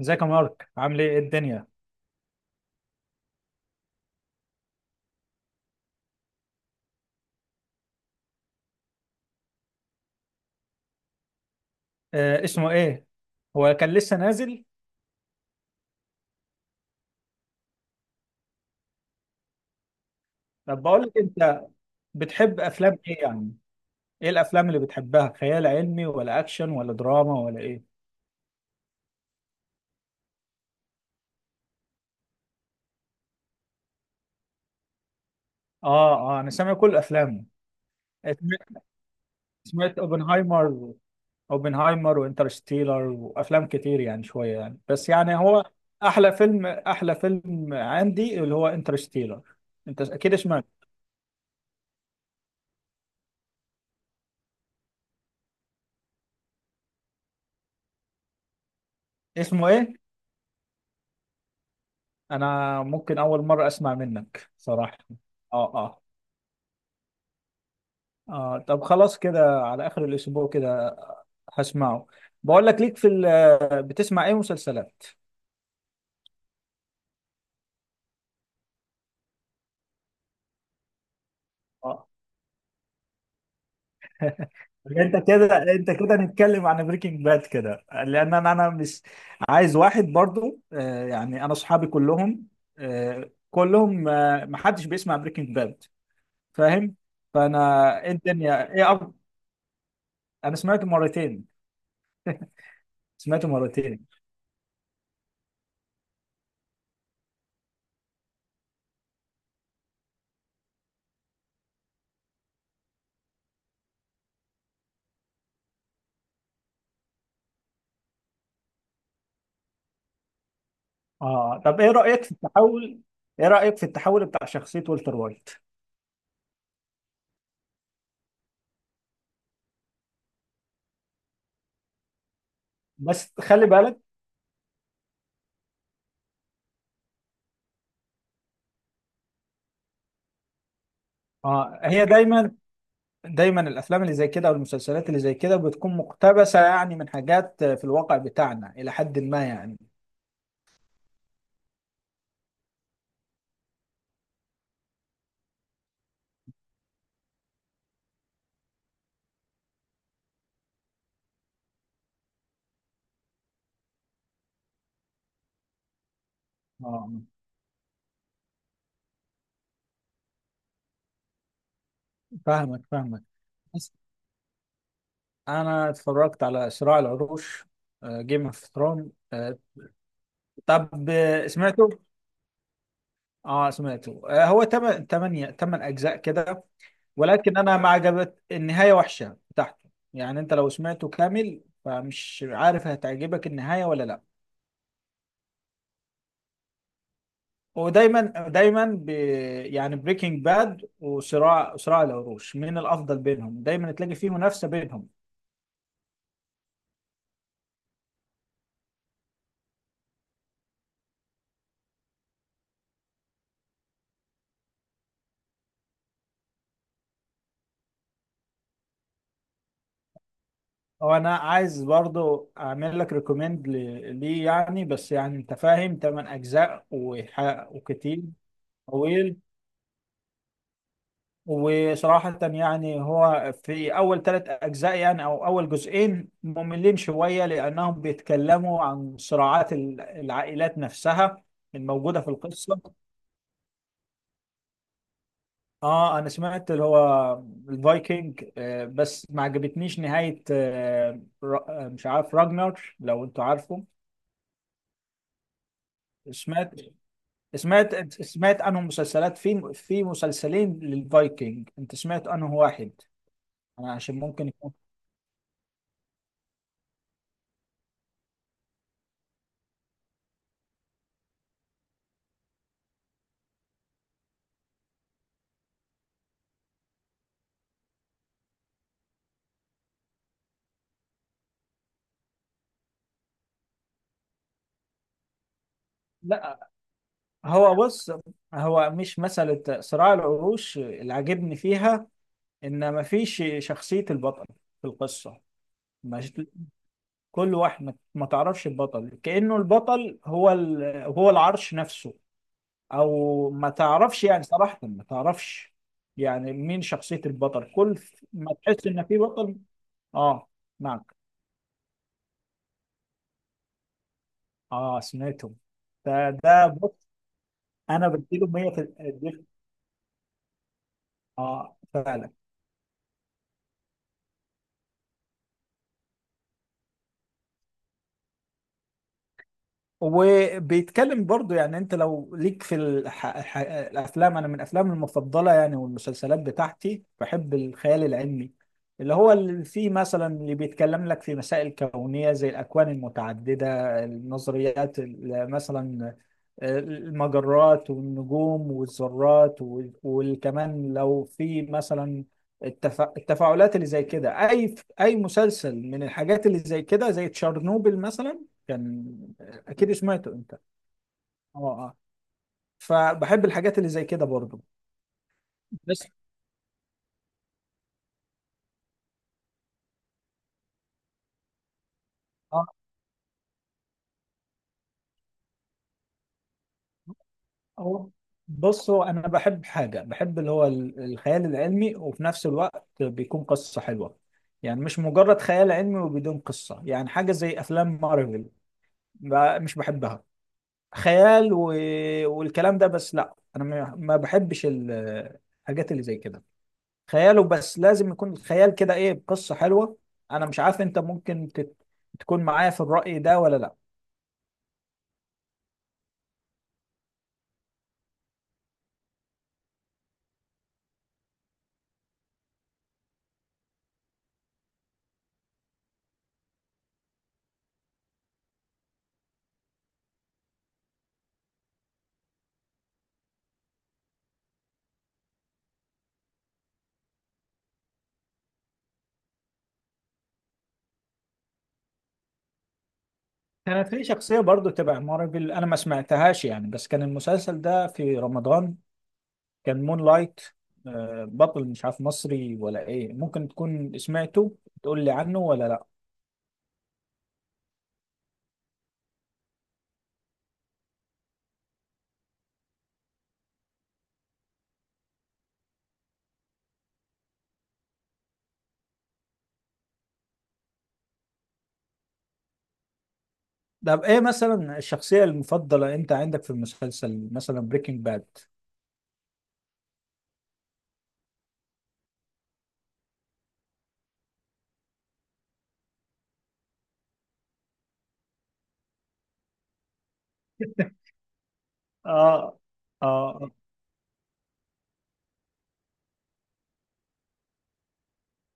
ازيك يا مارك؟ عامل ايه؟ إيه الدنيا؟ آه، اسمه ايه؟ هو كان لسه نازل؟ طب بقول لك انت، بتحب افلام ايه يعني؟ ايه الافلام اللي بتحبها، خيال علمي ولا اكشن ولا دراما ولا ايه؟ اه اه، انا سامع كل افلامه. سمعت سمعت اوبنهايمر، اوبنهايمر وانترستيلر وافلام كتير يعني، شويه يعني، بس يعني هو احلى فيلم، احلى فيلم عندي اللي هو انترستيلر. انت اكيد سمعت. اسمه ايه؟ انا ممكن اول مره اسمع منك صراحه. اه، آه. اه طب خلاص كده على اخر الاسبوع كده، هسمعه. بقول لك، بتسمع ايه مسلسلات؟ اه، انت كده نتكلم عن بريكنج باد كده، لان انا مش عايز واحد برضو، يعني انا اصحابي كلهم، آه، كلهم، محدش بيسمع بريكنج باد، فاهم؟ فانا ايه الدنيا ايه، انا سمعته مرتين، سمعته مرتين. اه طب ايه رايك في التحول بتاع شخصيه والتر وايت؟ بس خلي بالك. اه، هي دايما، دايما الافلام اللي زي كده او المسلسلات اللي زي كده بتكون مقتبسه يعني من حاجات في الواقع بتاعنا الى حد ما يعني. اه، فاهمك فاهمك. بس انا اتفرجت على صراع العروش، جيم اوف ثرون. طب، سمعته؟ اه سمعته، آه، هو تمن اجزاء كده. ولكن انا ما عجبت، النهايه وحشه بتاعته يعني، انت لو سمعته كامل فمش عارف هتعجبك النهايه ولا لا. ودايما، دايما يعني بريكنج باد وصراع العروش، مين الافضل بينهم؟ دايما تلاقي فيه منافسه بينهم. وانا عايز برضو اعمل لك ريكومند ليه يعني، بس يعني انت فاهم تمن اجزاء وكتير، طويل. وصراحة يعني هو في أول ثلاث أجزاء، يعني أو أول جزئين، مملين شوية لأنهم بيتكلموا عن صراعات العائلات نفسها الموجودة في القصة. اه، انا سمعت اللي هو الفايكنج، بس ما عجبتنيش نهاية، مش عارف راجنر، لو انتوا عارفه. سمعت سمعت سمعت عنهم مسلسلات، في مسلسلين للفايكنج، انت سمعت عنه واحد؟ انا عشان ممكن يكون، لا هو بص، هو مش مسألة صراع العروش اللي عجبني فيها ان ما فيش شخصية البطل في القصة. كل واحد ما تعرفش البطل، كأنه البطل هو هو العرش نفسه، او ما تعرفش يعني صراحة ما تعرفش يعني مين شخصية البطل، كل ما تحس ان في بطل. اه، معك. اه سمعتهم. فده بص، انا بديله 100 في الدف، اه فعلا. وبيتكلم برضو يعني، انت لو ليك في الافلام، انا من افلامي المفضله يعني، والمسلسلات بتاعتي بحب الخيال العلمي، اللي هو اللي فيه مثلا، اللي بيتكلم لك في مسائل كونيه زي الاكوان المتعدده، النظريات مثلا، المجرات والنجوم والذرات، وكمان لو في مثلا التفاعلات اللي زي كده، اي مسلسل من الحاجات اللي زي كده، زي تشارنوبل مثلا، كان اكيد سمعته انت. اه اه، فبحب الحاجات اللي زي كده برضو. بس اه، هو بص، هو انا بحب حاجه، بحب اللي هو الخيال العلمي وفي نفس الوقت بيكون قصه حلوه، يعني مش مجرد خيال علمي وبدون قصه، يعني حاجه زي افلام مارفل، مش بحبها، خيال و... والكلام ده. بس لا، انا ما بحبش الحاجات اللي زي كده، خياله بس لازم يكون الخيال كده ايه بقصه حلوه. انا مش عارف، انت ممكن تكون معايا في الرأي ده ولا لا؟ كانت في شخصية برضو تبع مارفل، أنا ما سمعتهاش يعني، بس كان المسلسل ده في رمضان، كان مون لايت، بطل مش عارف مصري ولا إيه، ممكن تكون سمعته، تقول لي عنه ولا لأ؟ طب إيه مثلا الشخصية المفضلة أنت عندك في المسلسل مثلا بريكنج باد؟ آه آه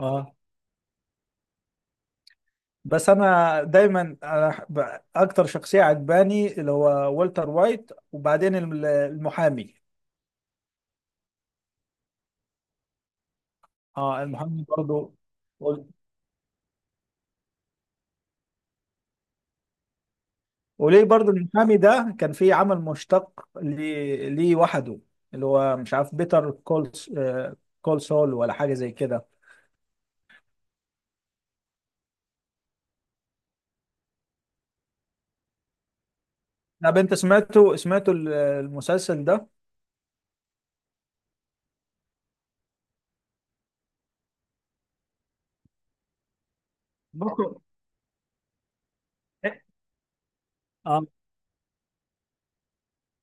آه. بس أنا دايما، أنا أكتر شخصية عجباني اللي هو والتر وايت، وبعدين المحامي. آه، المحامي برضو. وليه برضو المحامي ده كان في عمل مشتق ليه، ليه وحده، اللي هو مش عارف بيتر كول سول ولا حاجة زي كده. طب انت سمعته المسلسل ده؟ بصوا إيه؟ اه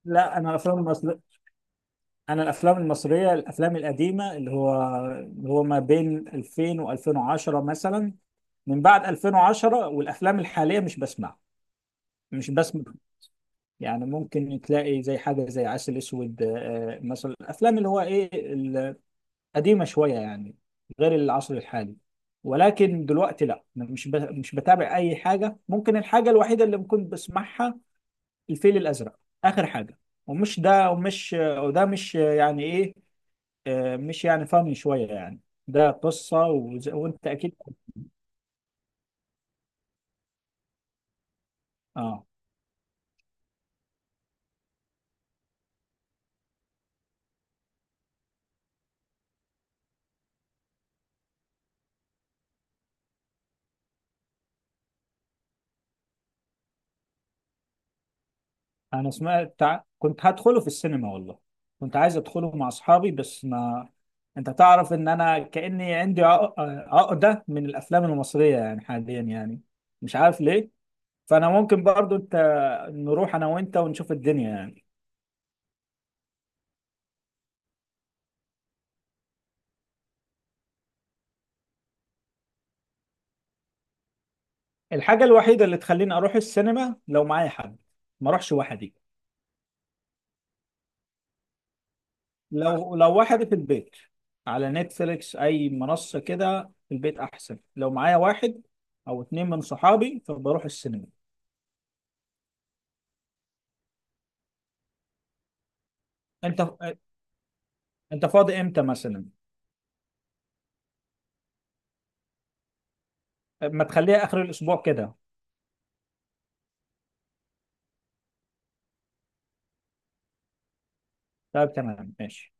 لا، انا الافلام المصرية، انا الافلام المصريه، الافلام القديمه اللي هو، اللي هو ما بين 2000 و2010 مثلا، من بعد 2010 والافلام الحاليه مش بسمع، مش بسمع. يعني ممكن تلاقي زي حاجه زي عسل اسود، مثلا الافلام اللي هو ايه، قديمة شوية يعني، غير العصر الحالي. ولكن دلوقتي لا، أنا مش بتابع أي حاجة، ممكن الحاجة الوحيدة اللي ممكن بسمعها الفيل الأزرق، آخر حاجة. ومش ده، ومش وده مش يعني إيه، مش يعني فاهم شوية يعني، ده قصة وأنت أكيد آه. أنا سمعت كنت هدخله في السينما والله، كنت عايز أدخله مع أصحابي بس ما. أنت تعرف إن أنا كأني عندي عقدة من الأفلام المصرية يعني، حاليا يعني مش عارف ليه. فانا ممكن برضو انت، نروح انا وانت ونشوف الدنيا يعني. الحاجه الوحيده اللي تخليني اروح السينما لو معايا حد، ما اروحش وحدي. لو وحدي في البيت، على نتفليكس اي منصه كده، في البيت احسن. لو معايا واحد او اتنين من صحابي فبروح السينما. انت انت فاضي امتى مثلا؟ ما تخليها اخر الاسبوع كده. طيب تمام ماشي.